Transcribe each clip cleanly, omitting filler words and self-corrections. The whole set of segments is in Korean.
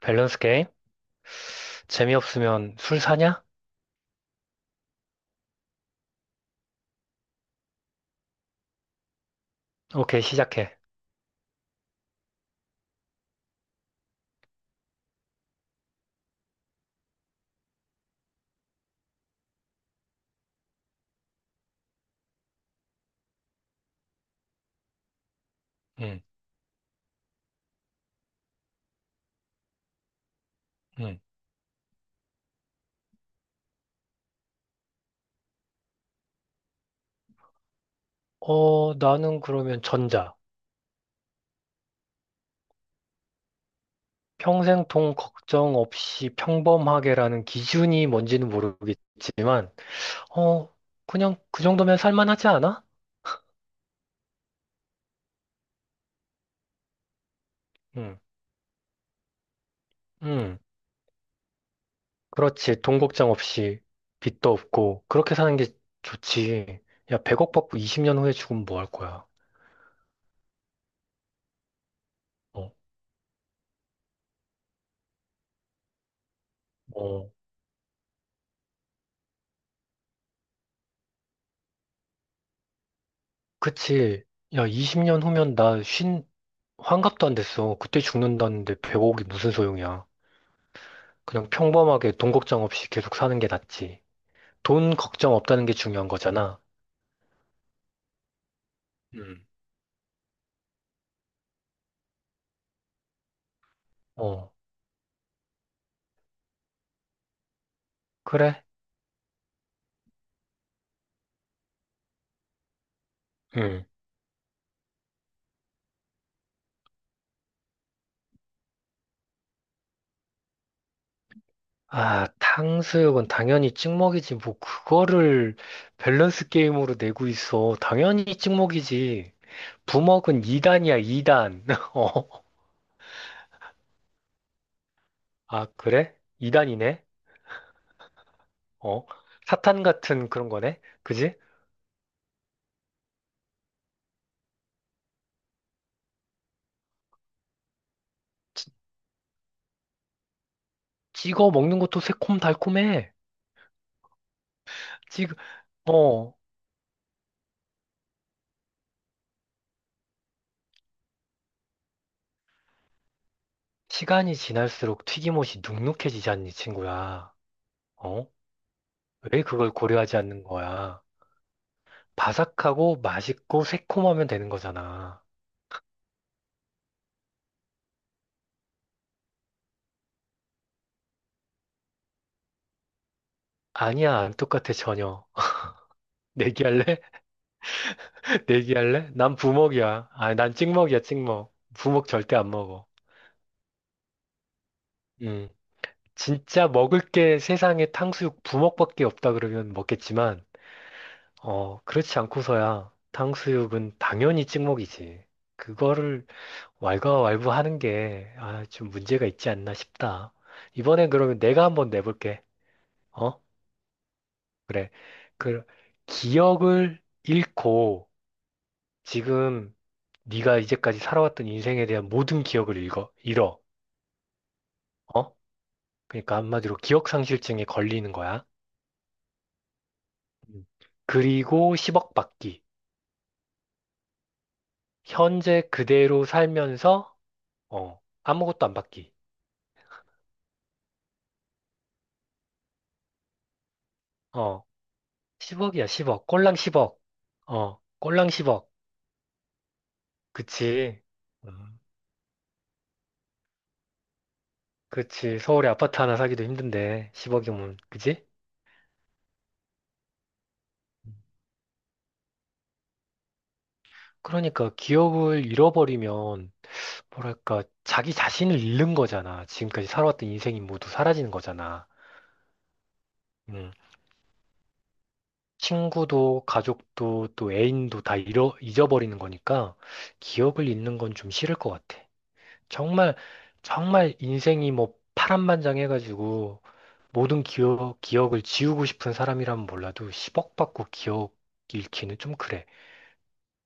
밸런스 게임? 재미없으면 술 사냐? 오케이, 시작해. 응, 응. 어, 나는 그러면 전자. 평생 돈 걱정 없이 평범하게라는 기준이 뭔지는 모르겠지만, 어, 그냥 그 정도면 살만하지 않아? 응, 응. 그렇지. 돈 걱정 없이 빚도 없고, 그렇게 사는 게 좋지. 야, 100억 받고 20년 후에 죽으면 뭐 할 거야? 어, 어. 그치. 야, 20년 후면 나 쉰, 환갑도 안 됐어. 그때 죽는다는데 배고 0억이 무슨 소용이야. 그냥 평범하게 돈 걱정 없이 계속 사는 게 낫지. 돈 걱정 없다는 게 중요한 거잖아. 음. 어, 그래? 응. 아, 탕수육은 당연히 찍먹이지. 뭐, 그거를 밸런스 게임으로 내고 있어. 당연히 찍먹이지. 부먹은 2단이야, 2단. 어, 아, 그래? 2단이네? 어, 사탄 같은 그런 거네? 그지? 찌- 찍어 먹는 것도 새콤달콤해. 찍, 어, 시간이 지날수록 튀김옷이 눅눅해지잖니, 친구야. 어? 왜 그걸 고려하지 않는 거야? 바삭하고 맛있고 새콤하면 되는 거잖아. 아니야, 안 똑같아, 전혀. 내기할래? 내기할래? 난 부먹이야. 아니, 난 찍먹이야, 찍먹. 부먹 절대 안 먹어. 음. 진짜 먹을 게 세상에 탕수육 부먹밖에 없다 그러면 먹겠지만, 그렇지 않고서야 탕수육은 당연히 찍먹이지. 그거를 왈가왈부 하는 게, 좀 문제가 있지 않나 싶다. 이번엔 그러면 내가 한번 내볼게. 어? 그래. 그, 기억을 잃고, 지금 네가 이제까지 살아왔던 인생에 대한 모든 기억을 읽어, 잃어. 어? 그러니까 한마디로 기억상실증에 걸리는 거야. 음. 그리고 10억 받기. 현재 그대로 살면서, 어, 아무것도 안 받기. 어, 10억이야, 10억. 꼴랑 10억. 꼴랑 10억. 그치. 어, 그치. 서울에 아파트 하나 사기도 힘든데, 10억이면, 그지? 그러니까 기억을 잃어버리면, 뭐랄까, 자기 자신을 잃는 거잖아. 지금까지 살아왔던 인생이 모두 사라지는 거잖아. 음. 친구도, 가족도, 또 애인도 다 잃어, 잊어버리는 거니까, 기억을 잃는 건 좀 싫을 것 같아. 정말 정말 인생이 뭐 파란만장해가지고 모든 기억을 지우고 싶은 사람이라면 몰라도 10억 받고 기억 잃기는 좀 그래.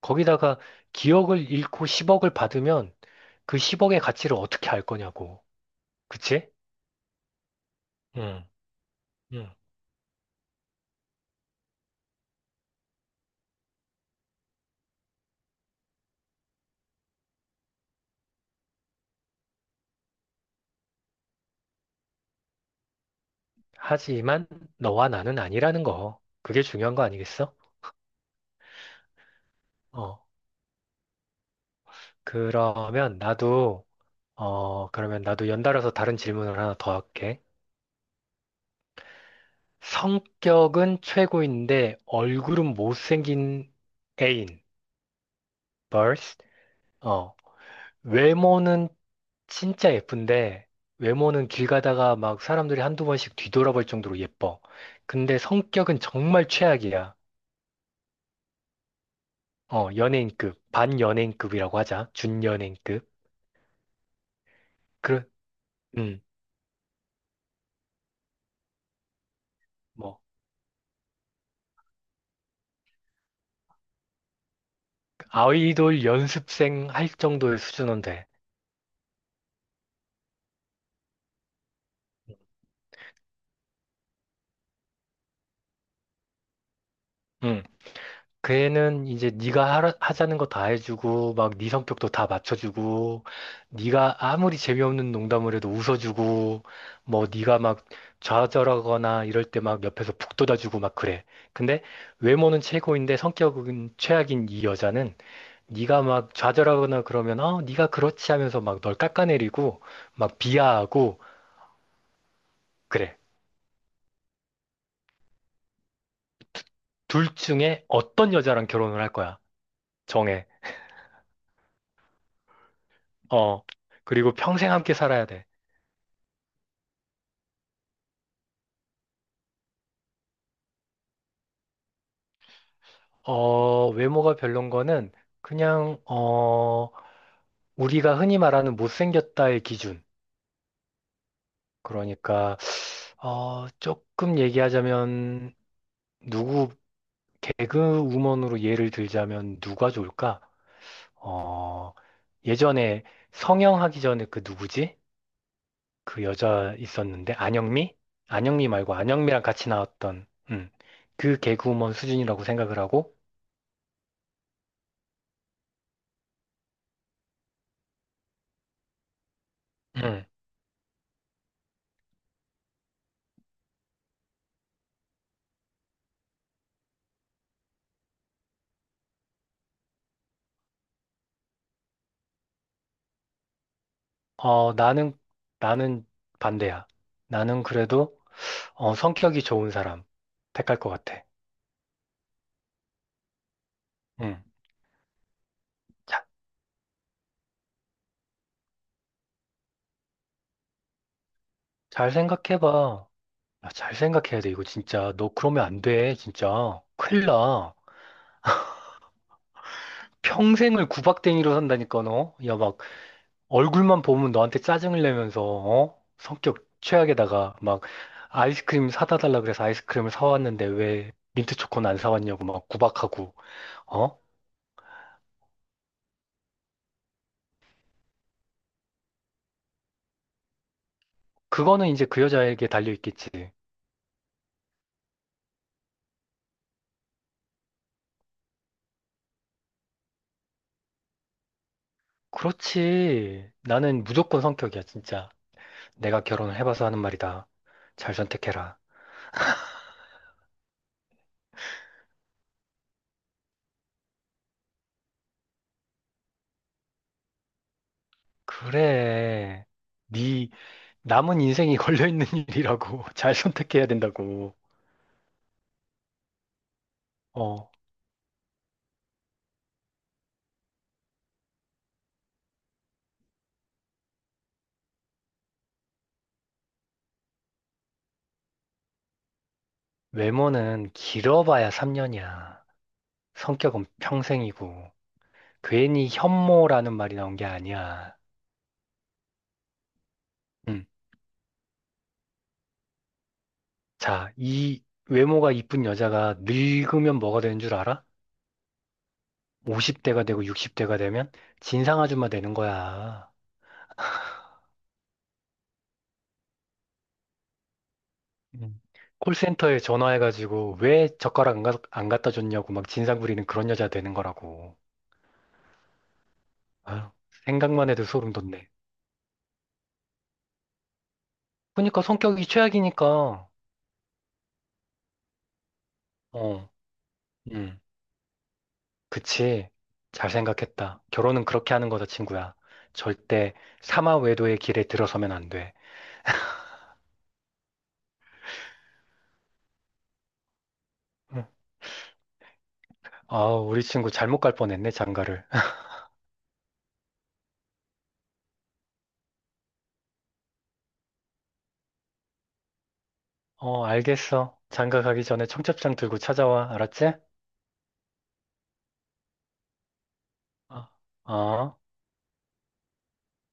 거기다가 기억을 잃고 10억을 받으면 그 10억의 가치를 어떻게 알 거냐고. 그치? 응, 응. 하지만 너와 나는 아니라는 거. 그게 중요한 거 아니겠어? 어. 그러면 나도 연달아서 다른 질문을 하나 더 할게. 성격은 최고인데 얼굴은 못생긴 애인, 벌스. 어, 외모는 진짜 예쁜데 외모는 길 가다가 막 사람들이 한두 번씩 뒤돌아볼 정도로 예뻐. 근데 성격은 정말 최악이야. 연예인급, 반연예인급이라고 하자. 준연예인급. 그, 음, 뭐 아이돌 연습생 할 정도의 수준은 돼. 음. 그 애는 이제 네가 하자는 거 다 해주고 막 네 성격도 다 맞춰주고 네가 아무리 재미없는 농담을 해도 웃어주고 뭐 네가 막 좌절하거나 이럴 때 막 옆에서 북돋아주고 막 그래. 근데 외모는 최고인데 성격은 최악인 이 여자는 네가 막 좌절하거나 그러면 네가 그렇지 하면서 막 널 깎아내리고 막 비하하고 그래. 둘 중에 어떤 여자랑 결혼을 할 거야? 정해. 어. 그리고 평생 함께 살아야 돼. 외모가 별론 거는 그냥, 우리가 흔히 말하는 못생겼다의 기준. 그러니까, 조금 얘기하자면, 누구, 개그우먼으로 예를 들자면 누가 좋을까? 어, 예전에 성형하기 전에 그 누구지? 그 여자 있었는데, 안영미? 안영미 말고 안영미랑 같이 나왔던, 그 개그우먼 수준이라고 생각을 하고, 음, 어, 나는, 나는 반대야. 나는 그래도 성격이 좋은 사람 택할 것 같아. 응. 자, 잘 생각해봐. 야, 잘 생각해야 돼, 이거 진짜. 너 그러면 안 돼, 진짜. 큰일 나. 평생을 구박댕이로 산다니까, 너. 야, 막, 얼굴만 보면 너한테 짜증을 내면서, 어? 성격 최악에다가, 막, 아이스크림 사다 달라 그래서 아이스크림을 사왔는데 왜 민트 초코는 안 사왔냐고 막 구박하고, 어? 그거는 이제 그 여자에게 달려있겠지. 그렇지. 나는 무조건 성격이야, 진짜. 내가 결혼을 해봐서 하는 말이다. 잘 선택해라. 그래. 네 남은 인생이 걸려있는 일이라고. 잘 선택해야 된다고. 어, 외모는 길어봐야 3년이야. 성격은 평생이고. 괜히 현모라는 말이 나온 게 아니야. 음. 자, 이 외모가 이쁜 여자가 늙으면 뭐가 되는 줄 알아? 50대가 되고 60대가 되면 진상 아줌마 되는 거야. 음. 콜센터에 전화해가지고 왜 젓가락 안 갖다 줬냐고 막 진상 부리는 그런 여자 되는 거라고. 아유, 생각만 해도 소름 돋네. 그러니까 성격이 최악이니까. 어, 음, 그치. 잘 생각했다. 결혼은 그렇게 하는 거다, 친구야. 절대 사마 외도의 길에 들어서면 안 돼. 응. 아, 우리 친구 잘못 갈 뻔했네, 장가를. 어, 알겠어. 장가 가기 전에 청첩장 들고 찾아와, 알았지? 어. 어.